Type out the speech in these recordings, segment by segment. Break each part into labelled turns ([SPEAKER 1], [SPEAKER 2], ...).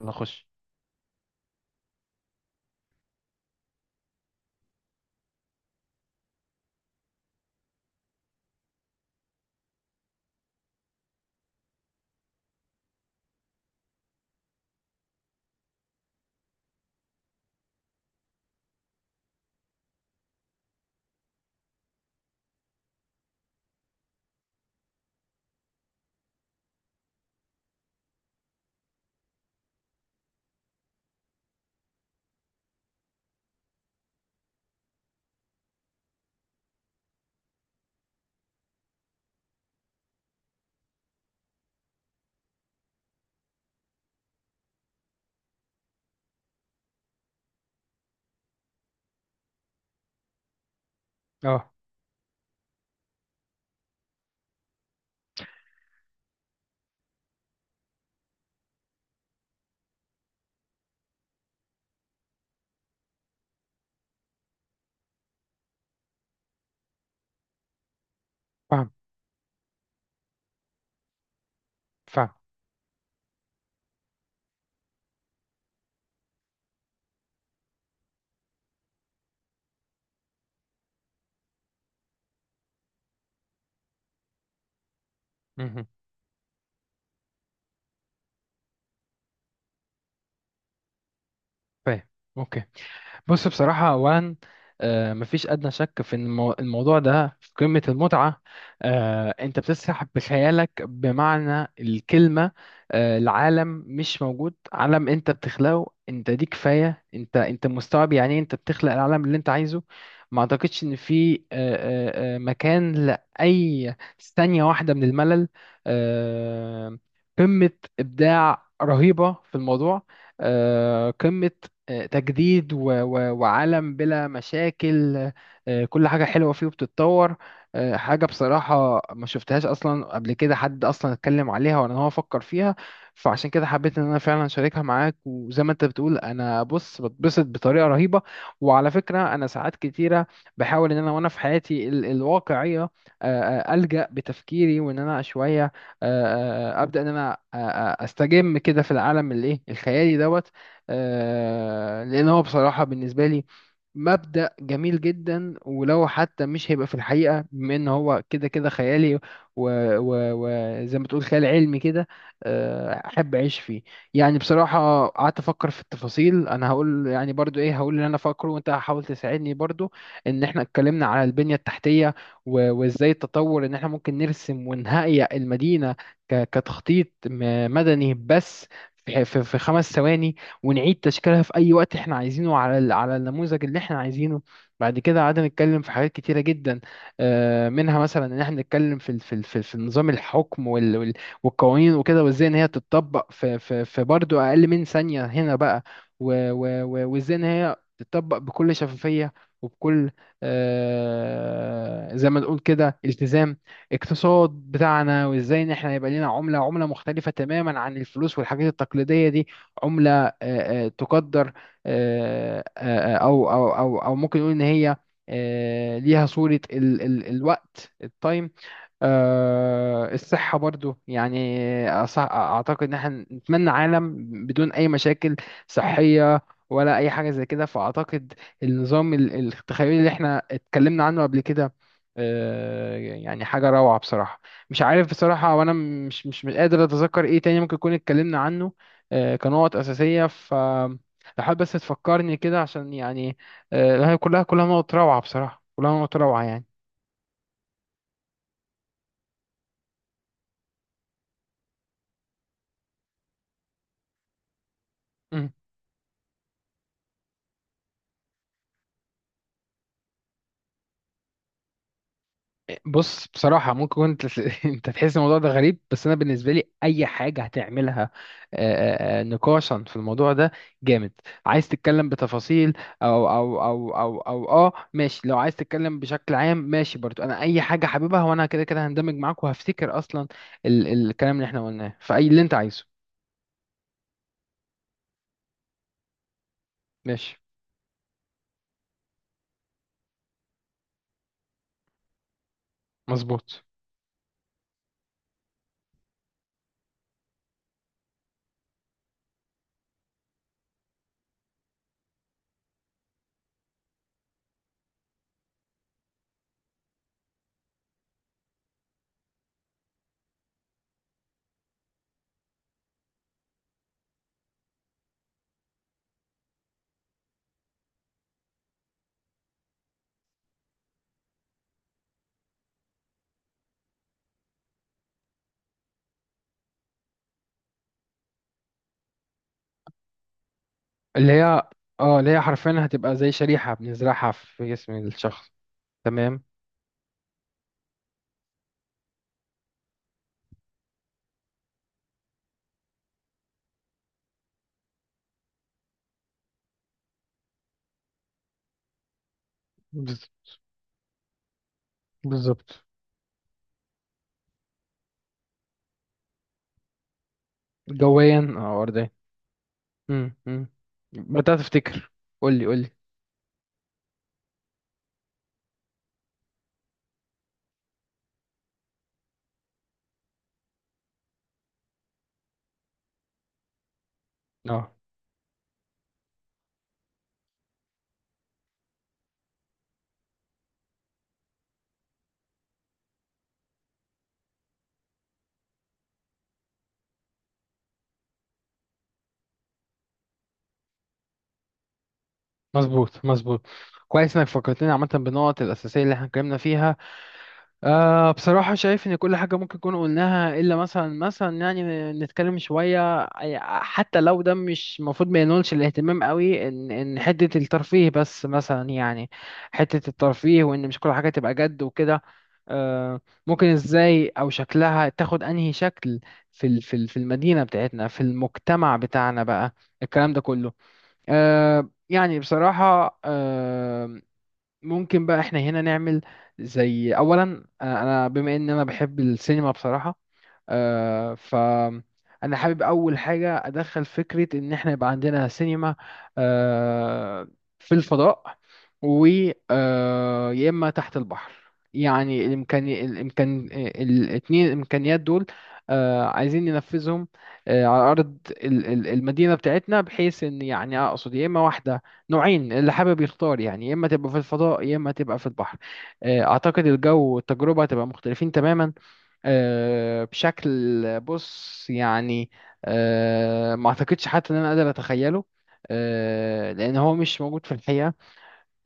[SPEAKER 1] نخش. اه. فاهم فاهم. مهم. فاهم. اوكي. بص بصراحة أولا، مفيش أدنى شك في إن الموضوع ده في قمة المتعة. أنت بتسرح بخيالك بمعنى الكلمة. العالم مش موجود، عالم أنت بتخلقه أنت، دي كفاية. أنت مستوعب يعني إيه، أنت بتخلق العالم اللي أنت عايزه. ما أعتقدش إن في مكان لأي ثانية واحدة من الملل. آه، قمة إبداع رهيبة في الموضوع. قمة تجديد وعالم بلا مشاكل. كل حاجة حلوة فيه وبتتطور. حاجة بصراحة ما شفتهاش أصلا قبل كده، حد أصلا اتكلم عليها ولا إن هو فكر فيها. فعشان كده حبيت إن أنا فعلا أشاركها معاك. وزي ما أنت بتقول، أنا بص بتبسط بطريقة رهيبة. وعلى فكرة، أنا ساعات كتيرة بحاول إن أنا وأنا في حياتي الواقعية، ألجأ بتفكيري وإن أنا شوية، أبدأ إن أنا أستجم كده في العالم الإيه الخيالي دوت. لان هو بصراحة بالنسبة لي مبدأ جميل جدا، ولو حتى مش هيبقى في الحقيقة بما ان هو كده كده خيالي. وزي و... وزي ما تقول خيال علمي كده، احب اعيش فيه. يعني بصراحة قعدت افكر في التفاصيل، انا هقول يعني برضو ايه، هقول اللي انا فاكره وانت هحاول تساعدني برضو. ان احنا اتكلمنا على البنية التحتية وازاي التطور، ان احنا ممكن نرسم ونهيئ المدينة كتخطيط مدني بس في 5 ثواني، ونعيد تشكيلها في أي وقت إحنا عايزينه على على النموذج اللي إحنا عايزينه. بعد كده قعدنا نتكلم في حاجات كتيرة جدا، منها مثلا إن إحنا نتكلم في في نظام الحكم والقوانين وكده، وإزاي إن هي تتطبق في برضه أقل من ثانية هنا بقى. وإزاي إن هي تتطبق بكل شفافية وبكل، زي ما نقول كده، التزام. اقتصاد بتاعنا وازاي ان احنا يبقى لنا عملة مختلفة تماما عن الفلوس والحاجات التقليدية دي. عملة تقدر او او او او ممكن نقول ان هي ليها صورة ال ال الوقت التايم. الصحة برضو يعني، أعتقد إن احنا نتمنى عالم بدون أي مشاكل صحية ولا أي حاجة زي كده. فأعتقد النظام التخيلي اللي احنا اتكلمنا عنه قبل كده، يعني حاجة روعة بصراحة. مش عارف بصراحة، وأنا مش قادر أتذكر إيه تاني ممكن يكون اتكلمنا عنه كنقط أساسية. ف لو حابب بس تفكرني كده عشان يعني، هي كلها، كلها نقط روعة بصراحة، كلها نقط روعة يعني. بص بصراحة ممكن انت انت تحس الموضوع ده غريب، بس انا بالنسبة لي اي حاجة هتعملها نقاشا في الموضوع ده جامد. عايز تتكلم بتفاصيل او او او او او اه، ماشي. لو عايز تتكلم بشكل عام، ماشي برضو. انا اي حاجة حاببها، وانا كده كده هندمج معاك وهفتكر اصلا الكلام اللي احنا قلناه، فاي اللي انت عايزه. ماشي. مظبوط. اللي هي، اه اللي هي حرفيا هتبقى زي شريحة بنزرعها في جسم الشخص. تمام. بز- بالظبط. جويا او ارضيا. امم امم بدأت افتكر. قول لي قول لي. اه. مظبوط مظبوط. كويس انك فكرتني عامة بالنقط الأساسية اللي احنا اتكلمنا فيها. أه بصراحة شايف إن كل حاجة ممكن نكون قلناها، إلا مثلا يعني نتكلم شوية. حتى لو ده مش المفروض ما ينولش الاهتمام قوي، إن حتة الترفيه بس مثلا يعني. حتة الترفيه وإن مش كل حاجة تبقى جد وكده. أه، ممكن إزاي، أو شكلها تاخد أنهي شكل في في المدينة بتاعتنا، في المجتمع بتاعنا بقى، الكلام ده كله. أه يعني بصراحة، ممكن بقى احنا هنا نعمل زي اولا، أنا بما ان انا بحب السينما بصراحة، فأنا حابب أول حاجة أدخل فكرة إن إحنا يبقى عندنا سينما آه، في الفضاء، و يا إما تحت البحر. يعني الإمكانيات دول عايزين ننفذهم على أرض المدينة بتاعتنا، بحيث إن يعني أقصد يا إما واحدة، نوعين اللي حابب يختار يعني، يا إما تبقى في الفضاء يا إما تبقى في البحر. أعتقد الجو والتجربة هتبقى مختلفين تماما بشكل، بص يعني، ما اعتقدش حتى ان انا قادر اتخيله لان هو مش موجود في الحقيقة.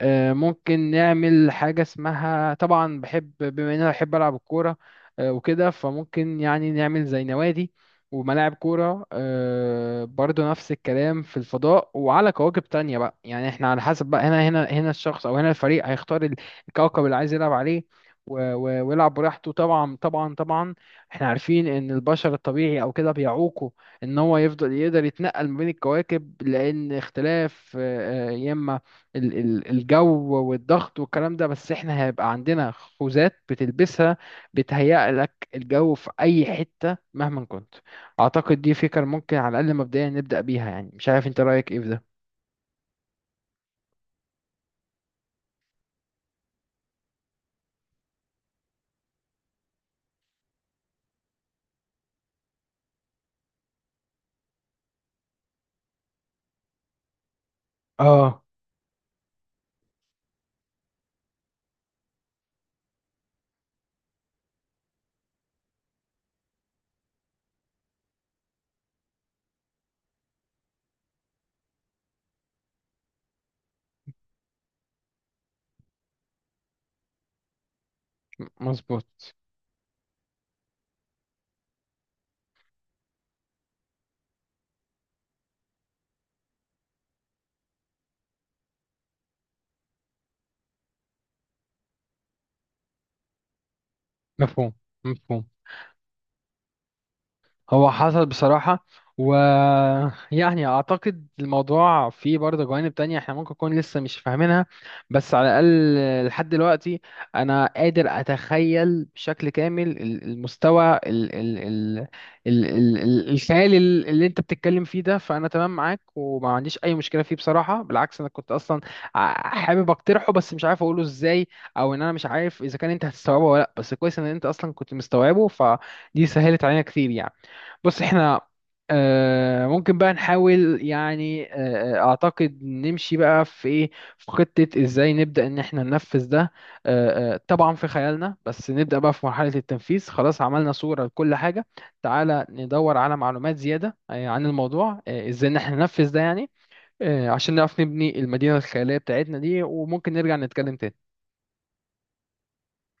[SPEAKER 1] ممكن نعمل حاجة اسمها، طبعا بحب بما ان انا بحب العب الكورة، وكده فممكن يعني نعمل زي نوادي وملاعب كورة. برضو نفس الكلام في الفضاء وعلى كواكب تانية بقى. يعني احنا على حسب بقى، هنا الشخص او هنا الفريق هيختار الكوكب اللي عايز يلعب عليه ويلعب براحته. طبعا طبعا طبعا احنا عارفين ان البشر الطبيعي او كده بيعوقه ان هو يفضل يقدر يتنقل ما بين الكواكب، لان اختلاف يا اما الجو والضغط والكلام ده. بس احنا هيبقى عندنا خوذات بتلبسها، بتهيأ لك الجو في اي حتة مهما كنت. اعتقد دي فكرة ممكن على الاقل مبدئيا نبدأ بيها. يعني مش عارف انت رأيك ايه في ده. اه، مظبوط. مفهوم مفهوم. هو حصل بصراحة، ويعني أعتقد الموضوع فيه برضه جوانب تانية احنا ممكن نكون لسه مش فاهمينها، بس على الأقل لحد دلوقتي أنا قادر أتخيل بشكل كامل المستوى ال ال ال ال ال ال الخيال اللي أنت بتتكلم فيه ده. فأنا تمام معاك وما عنديش أي مشكلة فيه بصراحة. بالعكس أنا كنت أصلا حابب أقترحه، بس مش عارف أقوله إزاي، أو إن أنا مش عارف إذا كان أنت هتستوعبه ولا لأ. بس كويس إن أنت أصلا كنت مستوعبه، فدي سهلت علينا كتير يعني. بص احنا ممكن بقى نحاول يعني، اعتقد نمشي بقى في ايه، في خطة ازاي نبدأ ان احنا ننفذ ده طبعا في خيالنا. بس نبدأ بقى في مرحلة التنفيذ، خلاص عملنا صورة لكل حاجة. تعالى ندور على معلومات زيادة عن الموضوع، ازاي ان احنا ننفذ ده يعني، عشان نعرف نبني المدينة الخيالية بتاعتنا دي. وممكن نرجع نتكلم تاني.